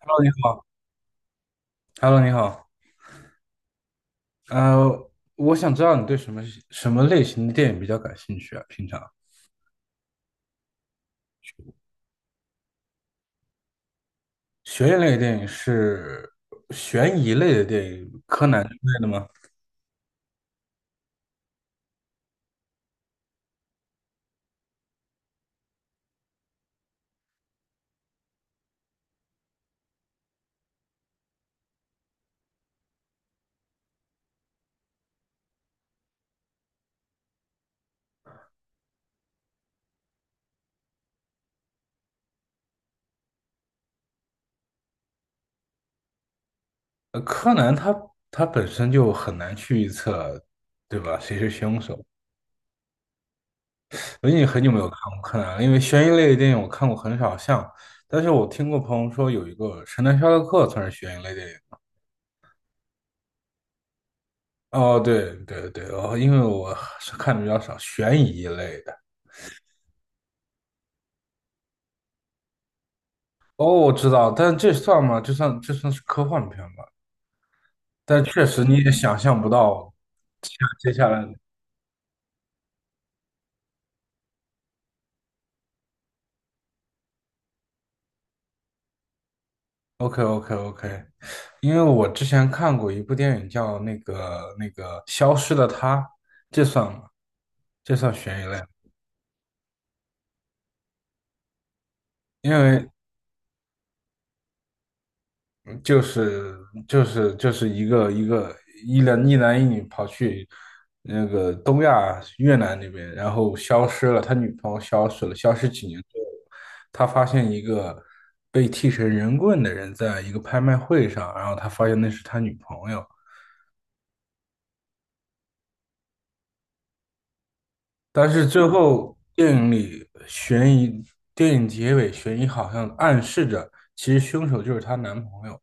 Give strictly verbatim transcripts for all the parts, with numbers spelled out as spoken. Hello，你好。Hello，你好。呃，我想知道你对什么什么类型的电影比较感兴趣啊？平常悬疑类的电影是悬疑类的电影，柯南之类的吗？呃，柯南它它本身就很难去预测，对吧？谁是凶手？我已经很久没有看过柯南了，因为悬疑类的电影我看过很少像，但是我听过朋友说有一个《神探夏洛克》算是悬疑类电影。哦，对对对，哦，因为我是看的比较少，悬疑类的。哦，我知道，但这算吗？这算这算是科幻片吧？但确实你也想象不到接下来的 OK OK OK，因为我之前看过一部电影叫那个那个《消失的她》，这算吗？这算悬疑类吗？因为就是就是就是一个一个一男一男一女跑去那个东亚越南那边，然后消失了，他女朋友消失了，消失几年之后，他发现一个被剃成人棍的人在一个拍卖会上，然后他发现那是他女朋友，但是最后电影里悬疑，电影结尾悬疑好像暗示着其实凶手就是她男朋友。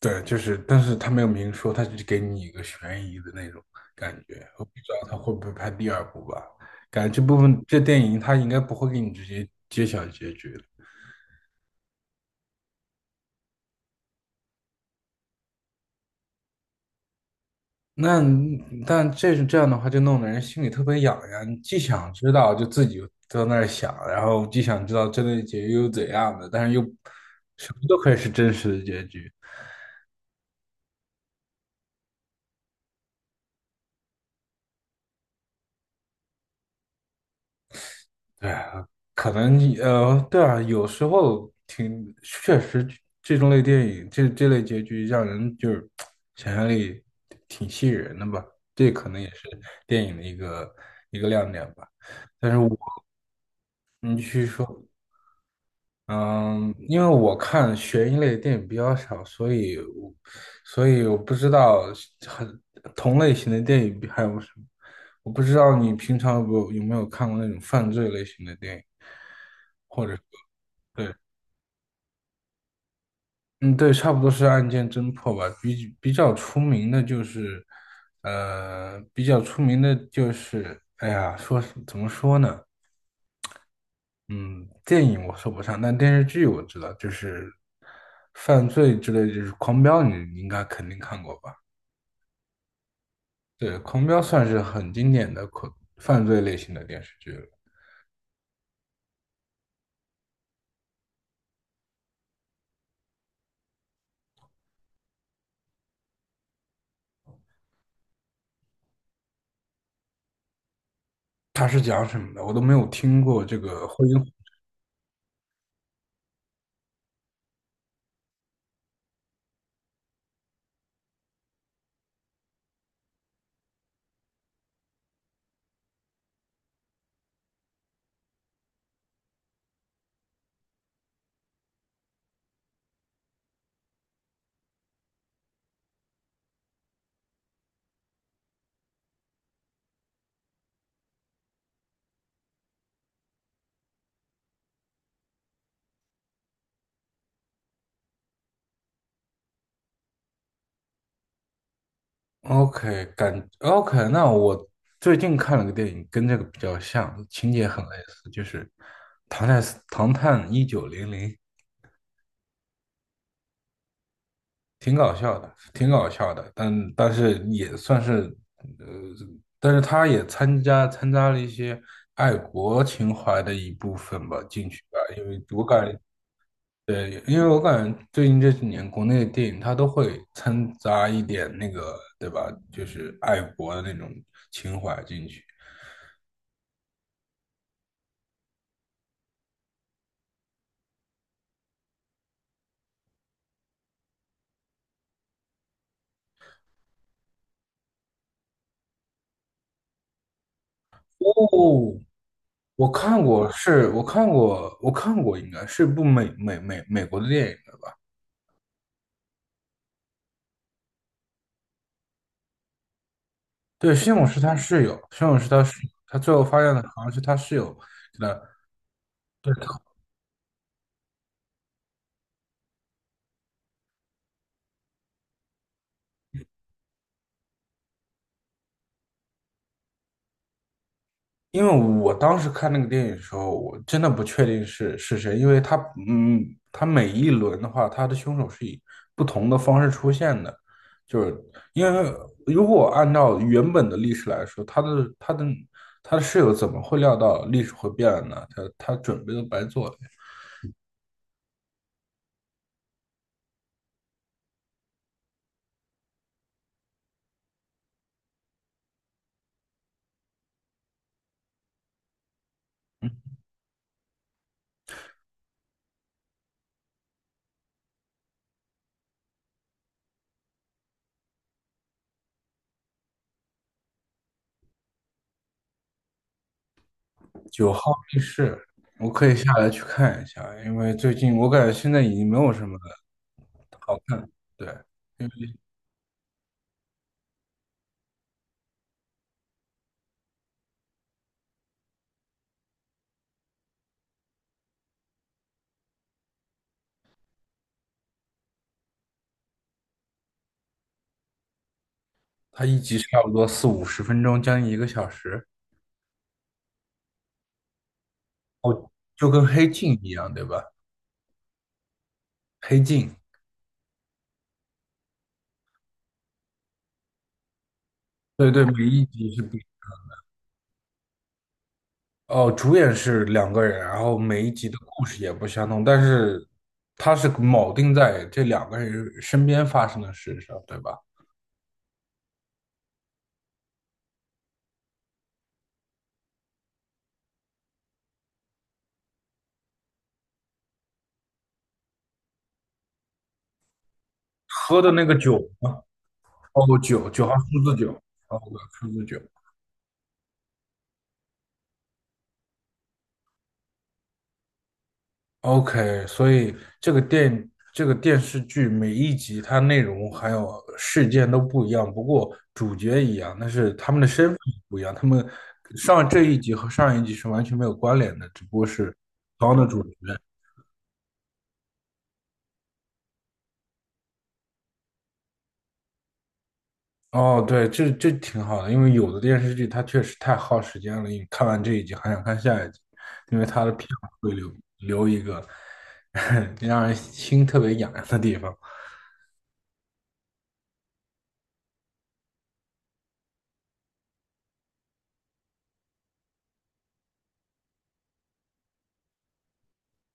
对，就是，但是他没有明说，他只给你一个悬疑的那种感觉。我不知道他会不会拍第二部吧？感觉这部分这电影他应该不会给你直接揭晓结局的。那但这是这样的话，就弄得人心里特别痒痒。你既想知道，就自己在那儿想，然后既想知道真的结局又怎样的，但是又什么都可以是真实的结局。对啊，可能呃，对啊，有时候挺确实这，这种类电影，这这类结局让人就是 想象力挺吸引人的吧。这可能也是电影的一个一个亮点吧。但是我，你去说，嗯，因为我看悬疑类的电影比较少，所以我所以我不知道很同类型的电影还有什么。我不知道你平常有没有有没有看过那种犯罪类型的电影，或者对，嗯，对，差不多是案件侦破吧。比比较出名的就是，呃，比较出名的就是，哎呀，说是怎么说呢？嗯，电影我说不上，但电视剧我知道，就是犯罪之类，就是《狂飙》，你你应该肯定看过吧？对，《狂飙》算是很经典的恐犯罪类型的电视剧了。它是讲什么的？我都没有听过这个婚姻。OK，感 OK，那我最近看了个电影，跟这个比较像，情节很类似，就是《唐探唐探一九零零》。挺搞笑的，挺搞笑的，但但是也算是，呃，但是他也参加参加了一些爱国情怀的一部分吧，进去吧，因为我感觉，对，因为我感觉最近这几年国内的电影它都会掺杂一点那个，对吧？就是爱国的那种情怀进去。哦，我看过，是我看过，我看过，应该是部美美美美国的电影，对，西蒙是他室友，西蒙是他室友，他最后发现的好像是他室友给他。对，因为我当时看那个电影的时候，我真的不确定是是谁，因为他，嗯，他每一轮的话，他的凶手是以不同的方式出现的，就是因为如果按照原本的历史来说，他的他的他的室友怎么会料到历史会变呢？他他准备都白做了。九号密室，我可以下来去看一下，因为最近我感觉现在已经没有什么。好看，对，因为它一集差不多四五十分钟，将近一个小时，就跟《黑镜》一样，对吧？《黑镜》，对对，每一集是不，哦，主演是两个人，然后每一集的故事也不相同，但是它是铆定在这两个人身边发生的事上，对吧？喝的那个酒嘛，哦，酒，九号数字九，哦，数字九，OK，所以这个电这个电视剧每一集它内容还有事件都不一样，不过主角一样，但是他们的身份不一样，他们上这一集和上一集是完全没有关联的，只不过是当的主角。哦，对，这这挺好的，因为有的电视剧它确实太耗时间了，你看完这一集还想看下一集，因为它的片尾会留留一个 让人心特别痒痒的地方。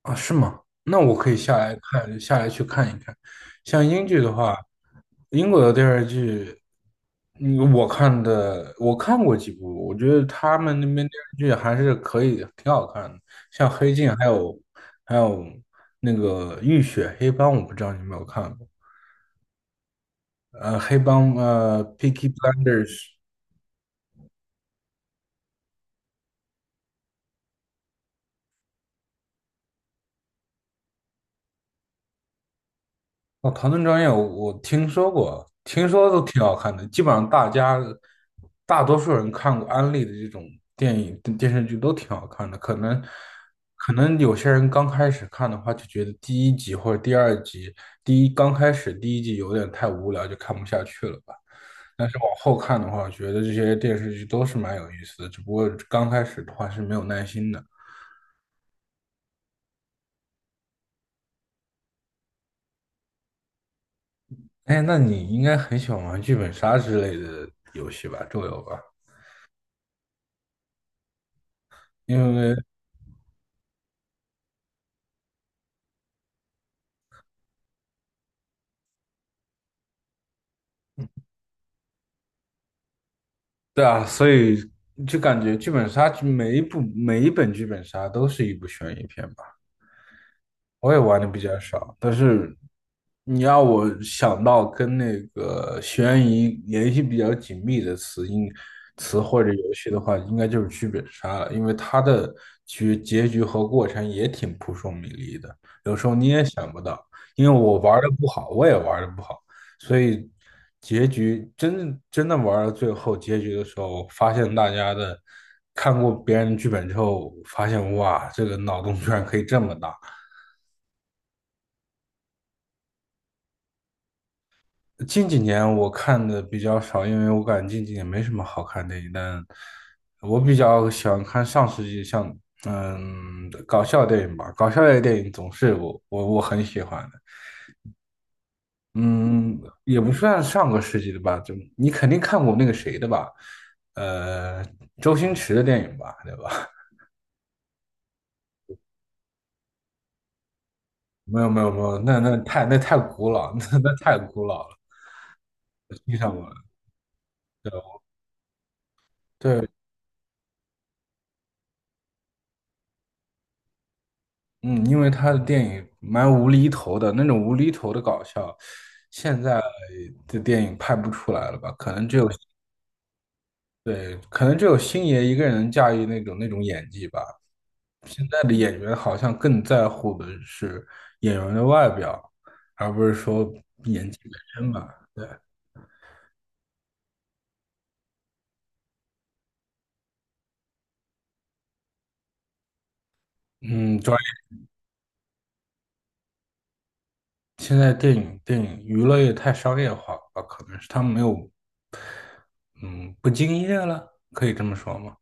啊，是吗？那我可以下来看，下来去看一看。像英剧的话，英国的电视剧，嗯，我看的，我看过几部，我觉得他们那边电视剧还是可以，挺好看的。像《黑镜》，还有还有那个《浴血黑帮》，我不知道你有没有看过。呃，黑帮，呃，《Peaky Blinders》。哦，《唐顿庄园》我我听说过，听说都挺好看的。基本上大家大多数人看过安利的这种电影、电视剧都挺好看的。可能可能有些人刚开始看的话，就觉得第一集或者第二集，第一刚开始第一集有点太无聊，就看不下去了吧。但是往后看的话，我觉得这些电视剧都是蛮有意思的，只不过刚开始的话是没有耐心的。哎，那你应该很喜欢玩剧本杀之类的游戏吧，桌游吧？因为对啊，所以就感觉剧本杀每一部每一本剧本杀都是一部悬疑片吧。我也玩的比较少，但是你要我想到跟那个悬疑联系比较紧密的词应词或者游戏的话，应该就是剧本杀了，因为它的结结局和过程也挺扑朔迷离的，有时候你也想不到，因为我玩的不好，我也玩的不好，所以结局真正真的玩到最后结局的时候，发现大家的看过别人的剧本之后，发现哇，这个脑洞居然可以这么大。近几年我看的比较少，因为我感觉近几年没什么好看电影。但我比较喜欢看上世纪像嗯搞笑电影吧，搞笑类电影总是我我我很喜欢的。嗯，也不算上个世纪的吧，就你肯定看过那个谁的吧，呃，周星驰的电影吧，对吧？没有没有没有，那那太那太古老，那那太古老了，欣赏不了。对嗯，因为他的电影蛮无厘头的，那种无厘头的搞笑，现在的电影拍不出来了吧？可能只有，对，可能只有星爷一个人能驾驭那种那种演技吧。现在的演员好像更在乎的是演员的外表，而不是说演技本身吧。对，嗯，专业，现在电影电影娱乐业太商业化了吧？可能是他们没有，嗯，不敬业了，可以这么说吗？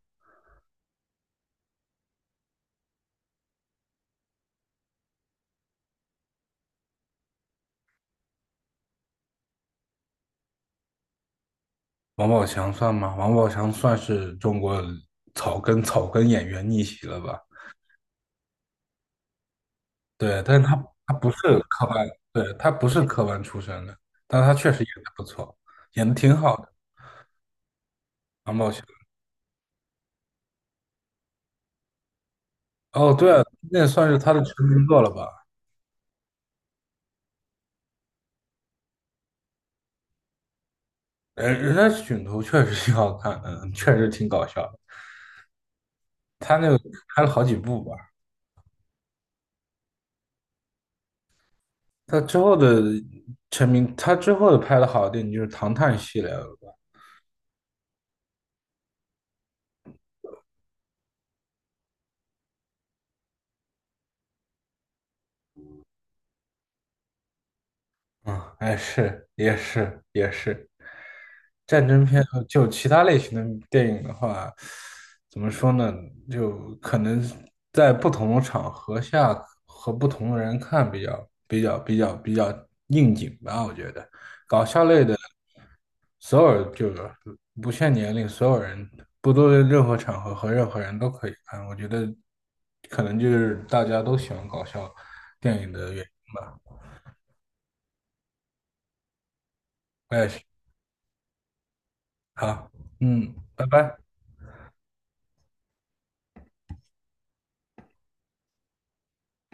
王宝强算吗？王宝强算是中国草根草根演员逆袭了吧？对，但是他他不是科班，对，他不是科班出身的，但他确实演的不错，演的挺好的。王宝强，哦，对啊，那算是他的成名作了吧？人人家《囧途》确实挺好看，嗯，确实挺搞笑的他那个拍了好几部吧，他之后的成名，他之后的拍的好的电影就是《唐探》系列了吧？嗯，哎，是，也是，也是。战争片和就其他类型的电影的话，怎么说呢？就可能在不同的场合下和不同的人看比较比较比较比较应景吧，我觉得。所有就是不限年龄，所有人不论任何场合和任何人都可以看。我觉得可能就是大家都喜欢搞笑电影的原因。我也是。好，嗯，拜拜。